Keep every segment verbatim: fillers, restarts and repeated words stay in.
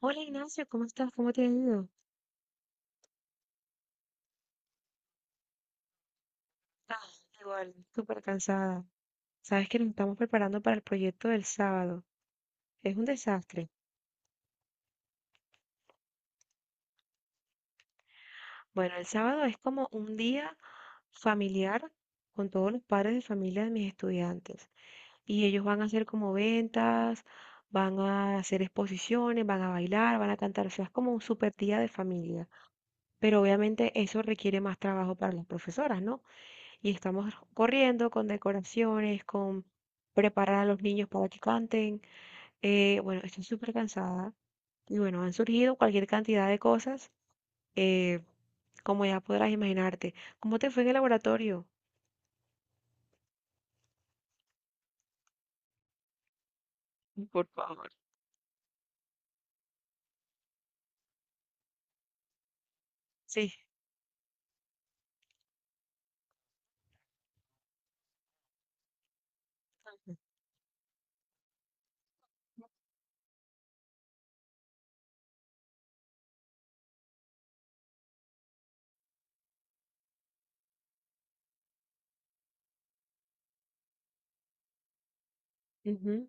Hola Ignacio, ¿cómo estás? ¿Cómo te ha ido? Ah, igual, súper cansada. Sabes que nos estamos preparando para el proyecto del sábado. Es un desastre. Bueno, el sábado es como un día familiar con todos los padres de familia de mis estudiantes. Y ellos van a hacer como ventas, van a hacer exposiciones, van a bailar, van a cantar. O sea, es como un súper día de familia. Pero obviamente eso requiere más trabajo para las profesoras, ¿no? Y estamos corriendo con decoraciones, con preparar a los niños para que canten. Eh, bueno, estoy súper cansada y bueno, han surgido cualquier cantidad de cosas, eh, como ya podrás imaginarte. ¿Cómo te fue en el laboratorio? Por favor. Sí. Ujú.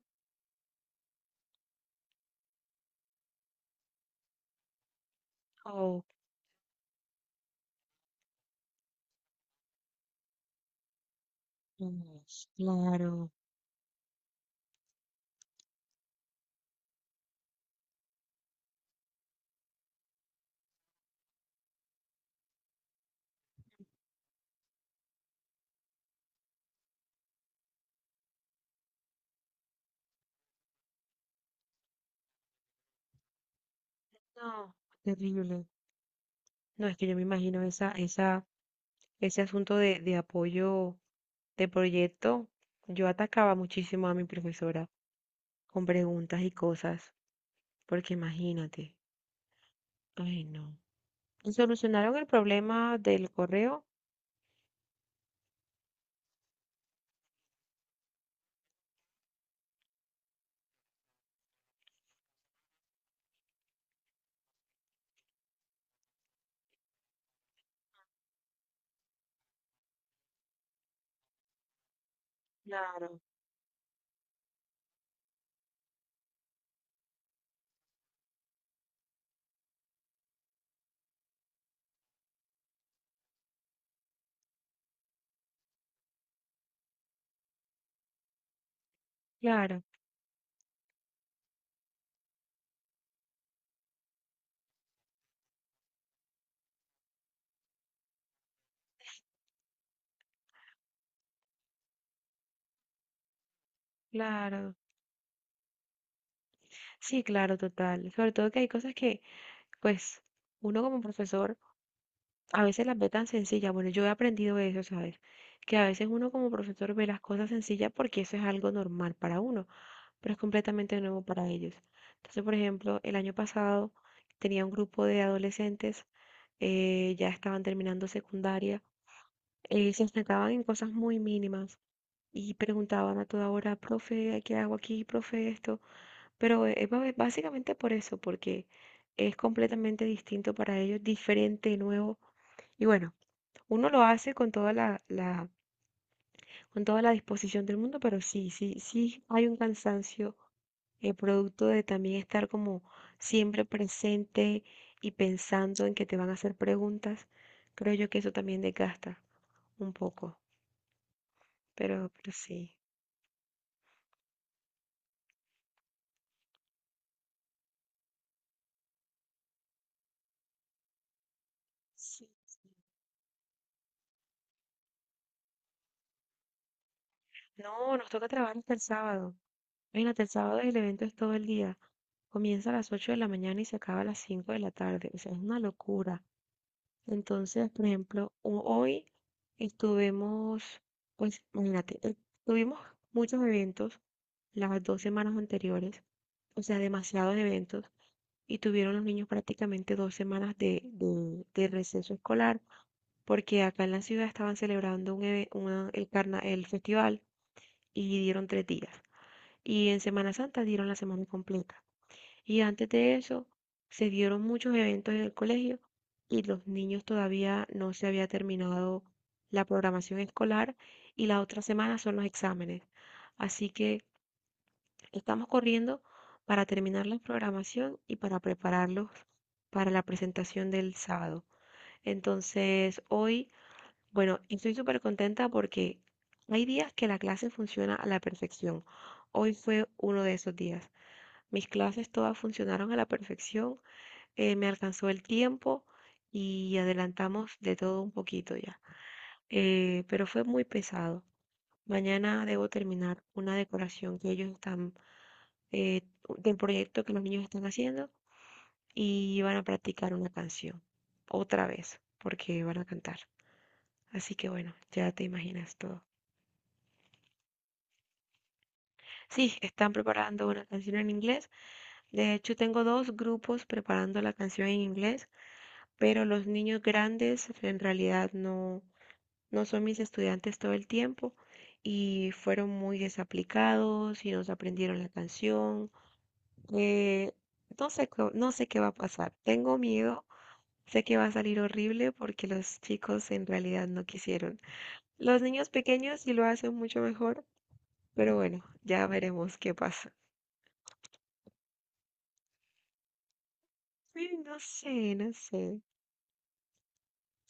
Oh, Dios, claro. No, terrible. No, es que yo me imagino esa, esa, ese asunto de, de apoyo de proyecto. Yo atacaba muchísimo a mi profesora con preguntas y cosas. Porque imagínate, ay no. ¿Y ¿Solucionaron el problema del correo? Claro, claro, claro. Sí, claro, total. Sobre todo que hay cosas que, pues, uno como profesor a veces las ve tan sencillas. Bueno, yo he aprendido eso, ¿sabes? Que a veces uno como profesor ve las cosas sencillas porque eso es algo normal para uno, pero es completamente nuevo para ellos. Entonces, por ejemplo, el año pasado tenía un grupo de adolescentes, eh, ya estaban terminando secundaria, eh, se estancaban en cosas muy mínimas y preguntaban a toda hora, profe, ¿qué hago aquí, profe, esto? Pero es ba- eh, básicamente por eso, porque es completamente distinto para ellos, diferente, nuevo. Y bueno, uno lo hace con toda la, la- con toda la disposición del mundo, pero sí, sí, sí hay un cansancio eh, producto de también estar como siempre presente y pensando en que te van a hacer preguntas. Creo yo que eso también desgasta un poco, pero, pero sí. Sí. No, nos toca trabajar hasta el sábado. Imagínate, el sábado el evento es todo el día. Comienza a las ocho de la mañana y se acaba a las cinco de la tarde. O sea, es una locura. Entonces, por ejemplo, ho- hoy estuvimos, pues, imagínate, eh, tuvimos muchos eventos las dos semanas anteriores, o sea, demasiados eventos, y tuvieron los niños prácticamente dos semanas de, de, de receso escolar, porque acá en la ciudad estaban celebrando un, eve- una- el, carna- el festival y dieron tres días y en Semana Santa dieron la semana completa. Y antes de eso se dieron muchos eventos en el colegio y los niños todavía no se había terminado la programación escolar y la otra semana son los exámenes. Así que estamos corriendo para terminar la programación y para prepararlos para la presentación del sábado. Entonces, hoy, bueno, estoy súper contenta porque hay días que la clase funciona a la perfección. Hoy fue uno de esos días. Mis clases todas funcionaron a la perfección, eh, me alcanzó el tiempo y adelantamos de todo un poquito ya. Eh, pero fue muy pesado. Mañana debo terminar una decoración que ellos están, eh, del proyecto que los niños están haciendo y van a practicar una canción otra vez porque van a cantar. Así que bueno, ya te imaginas todo. Sí, están preparando una canción en inglés. De hecho, tengo dos grupos preparando la canción en inglés, pero los niños grandes pues, en realidad no, no son mis estudiantes todo el tiempo y fueron muy desaplicados y no se aprendieron la canción. Eh, no sé, co- no sé qué va a pasar. Tengo miedo. Sé que va a salir horrible porque los chicos en realidad no quisieron. Los niños pequeños sí lo hacen mucho mejor, pero bueno, ya veremos qué pasa. Sí, no sé, no sé.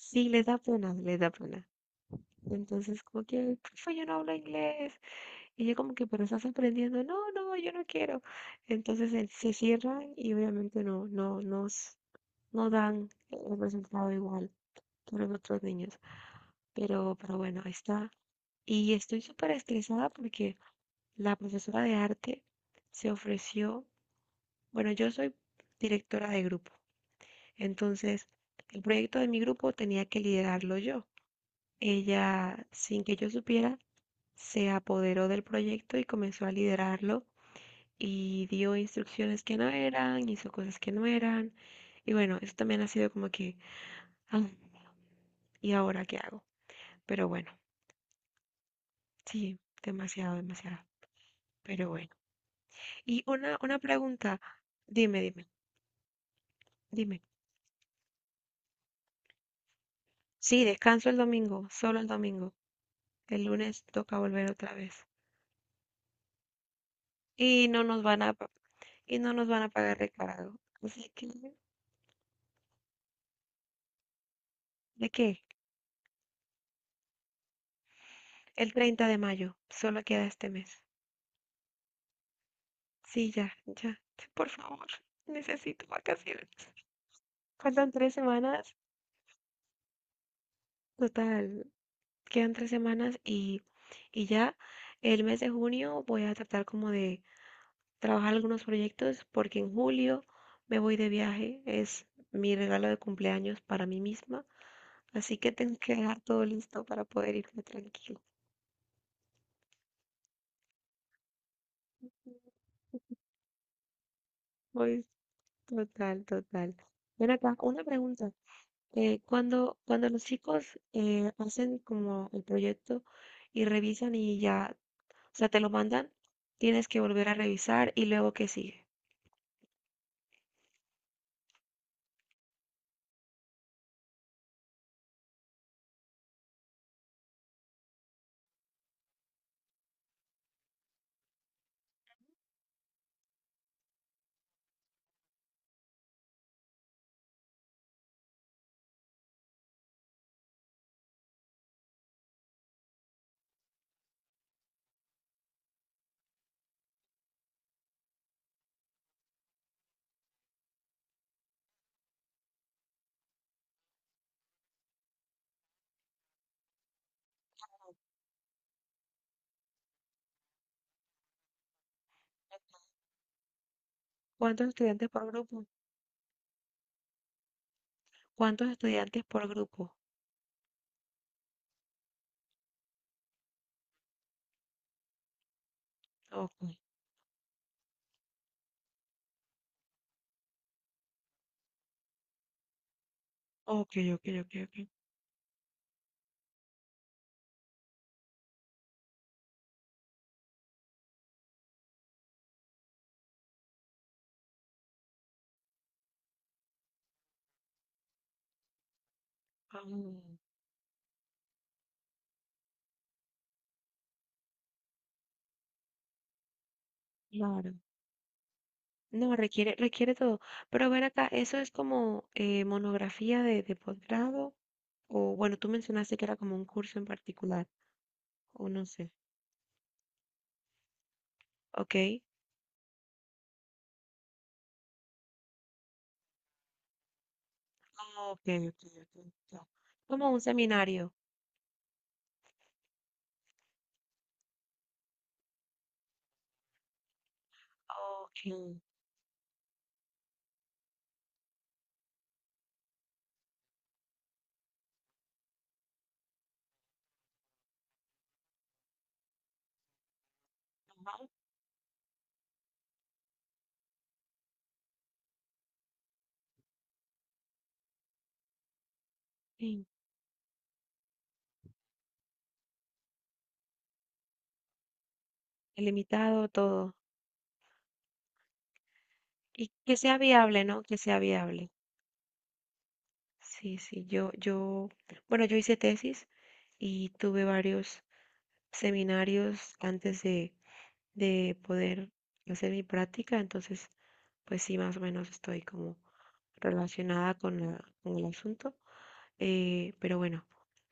Sí, les da pena, les da pena. Entonces, como que: "Profe, yo no hablo inglés". Y ella como que: "Pero estás aprendiendo". No, no, yo no quiero. Entonces él- se cierran y obviamente no, no, nos, no dan un resultado igual que los otros niños. Pero, pero bueno, ahí está. Y estoy súper estresada porque la profesora de arte se ofreció, bueno, yo soy directora de grupo, entonces el proyecto de mi grupo tenía que liderarlo yo. Ella, sin que yo supiera, se apoderó del proyecto y comenzó a liderarlo y dio instrucciones que no eran, hizo cosas que no eran. Y bueno, eso también ha sido como que: "Ah, ¿y ahora qué hago?". Pero bueno, sí, demasiado, demasiado. Pero bueno. Y una, una pregunta, dime, dime, dime. Sí, descanso el domingo, solo el domingo. El lunes toca volver otra vez. Y no nos van a, pa- y no nos van a pagar recargo. Así que, ¿de qué? El treinta de mayo, solo queda este mes. Sí, ya, ya. Por favor, necesito vacaciones. Faltan tres semanas, total, quedan tres semanas y, y ya el mes de junio voy a tratar como de trabajar algunos proyectos porque en julio me voy de viaje. Es mi regalo de cumpleaños para mí misma, así que tengo que dejar todo listo para poder irme tranquilo. Voy total, total. Ven acá, una pregunta. Eh, cuando, cuando los chicos eh, hacen como el proyecto y revisan y ya, o sea, te lo mandan, tienes que volver a revisar y luego qué sigue. ¿Cuántos estudiantes por grupo? ¿Cuántos estudiantes por grupo? Ok, ok, ok, ok, ok. Ah, claro. No, requiere, requiere todo. Pero ver acá, ¿eso es como eh, monografía de, de posgrado? O bueno, tú mencionaste que era como un curso en particular, o no sé. Ok. Ok, ok, ok, ya. Como un seminario. Ok. Ajá. Sí. Ilimitado todo. Y que sea viable, ¿no? Que sea viable. Sí, sí. Yo, yo, bueno, yo hice tesis y tuve varios seminarios antes de, de poder hacer mi práctica. Entonces, pues sí, más o menos estoy como relacionada con la- con el asunto. Eh, pero bueno,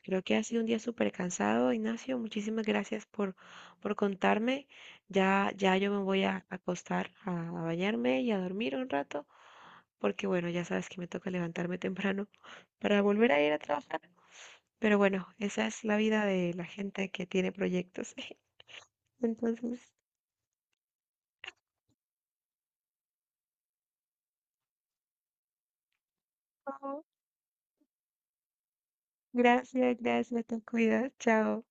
creo que ha sido un día súper cansado, Ignacio. Muchísimas gracias por, por contarme. Ya, ya yo me voy a acostar, a, a bañarme y a dormir un rato, porque bueno, ya sabes que me toca levantarme temprano para volver a ir a trabajar. Pero bueno, esa es la vida de la gente que tiene proyectos. Entonces, oh, gracias, gracias, te cuidas, chao.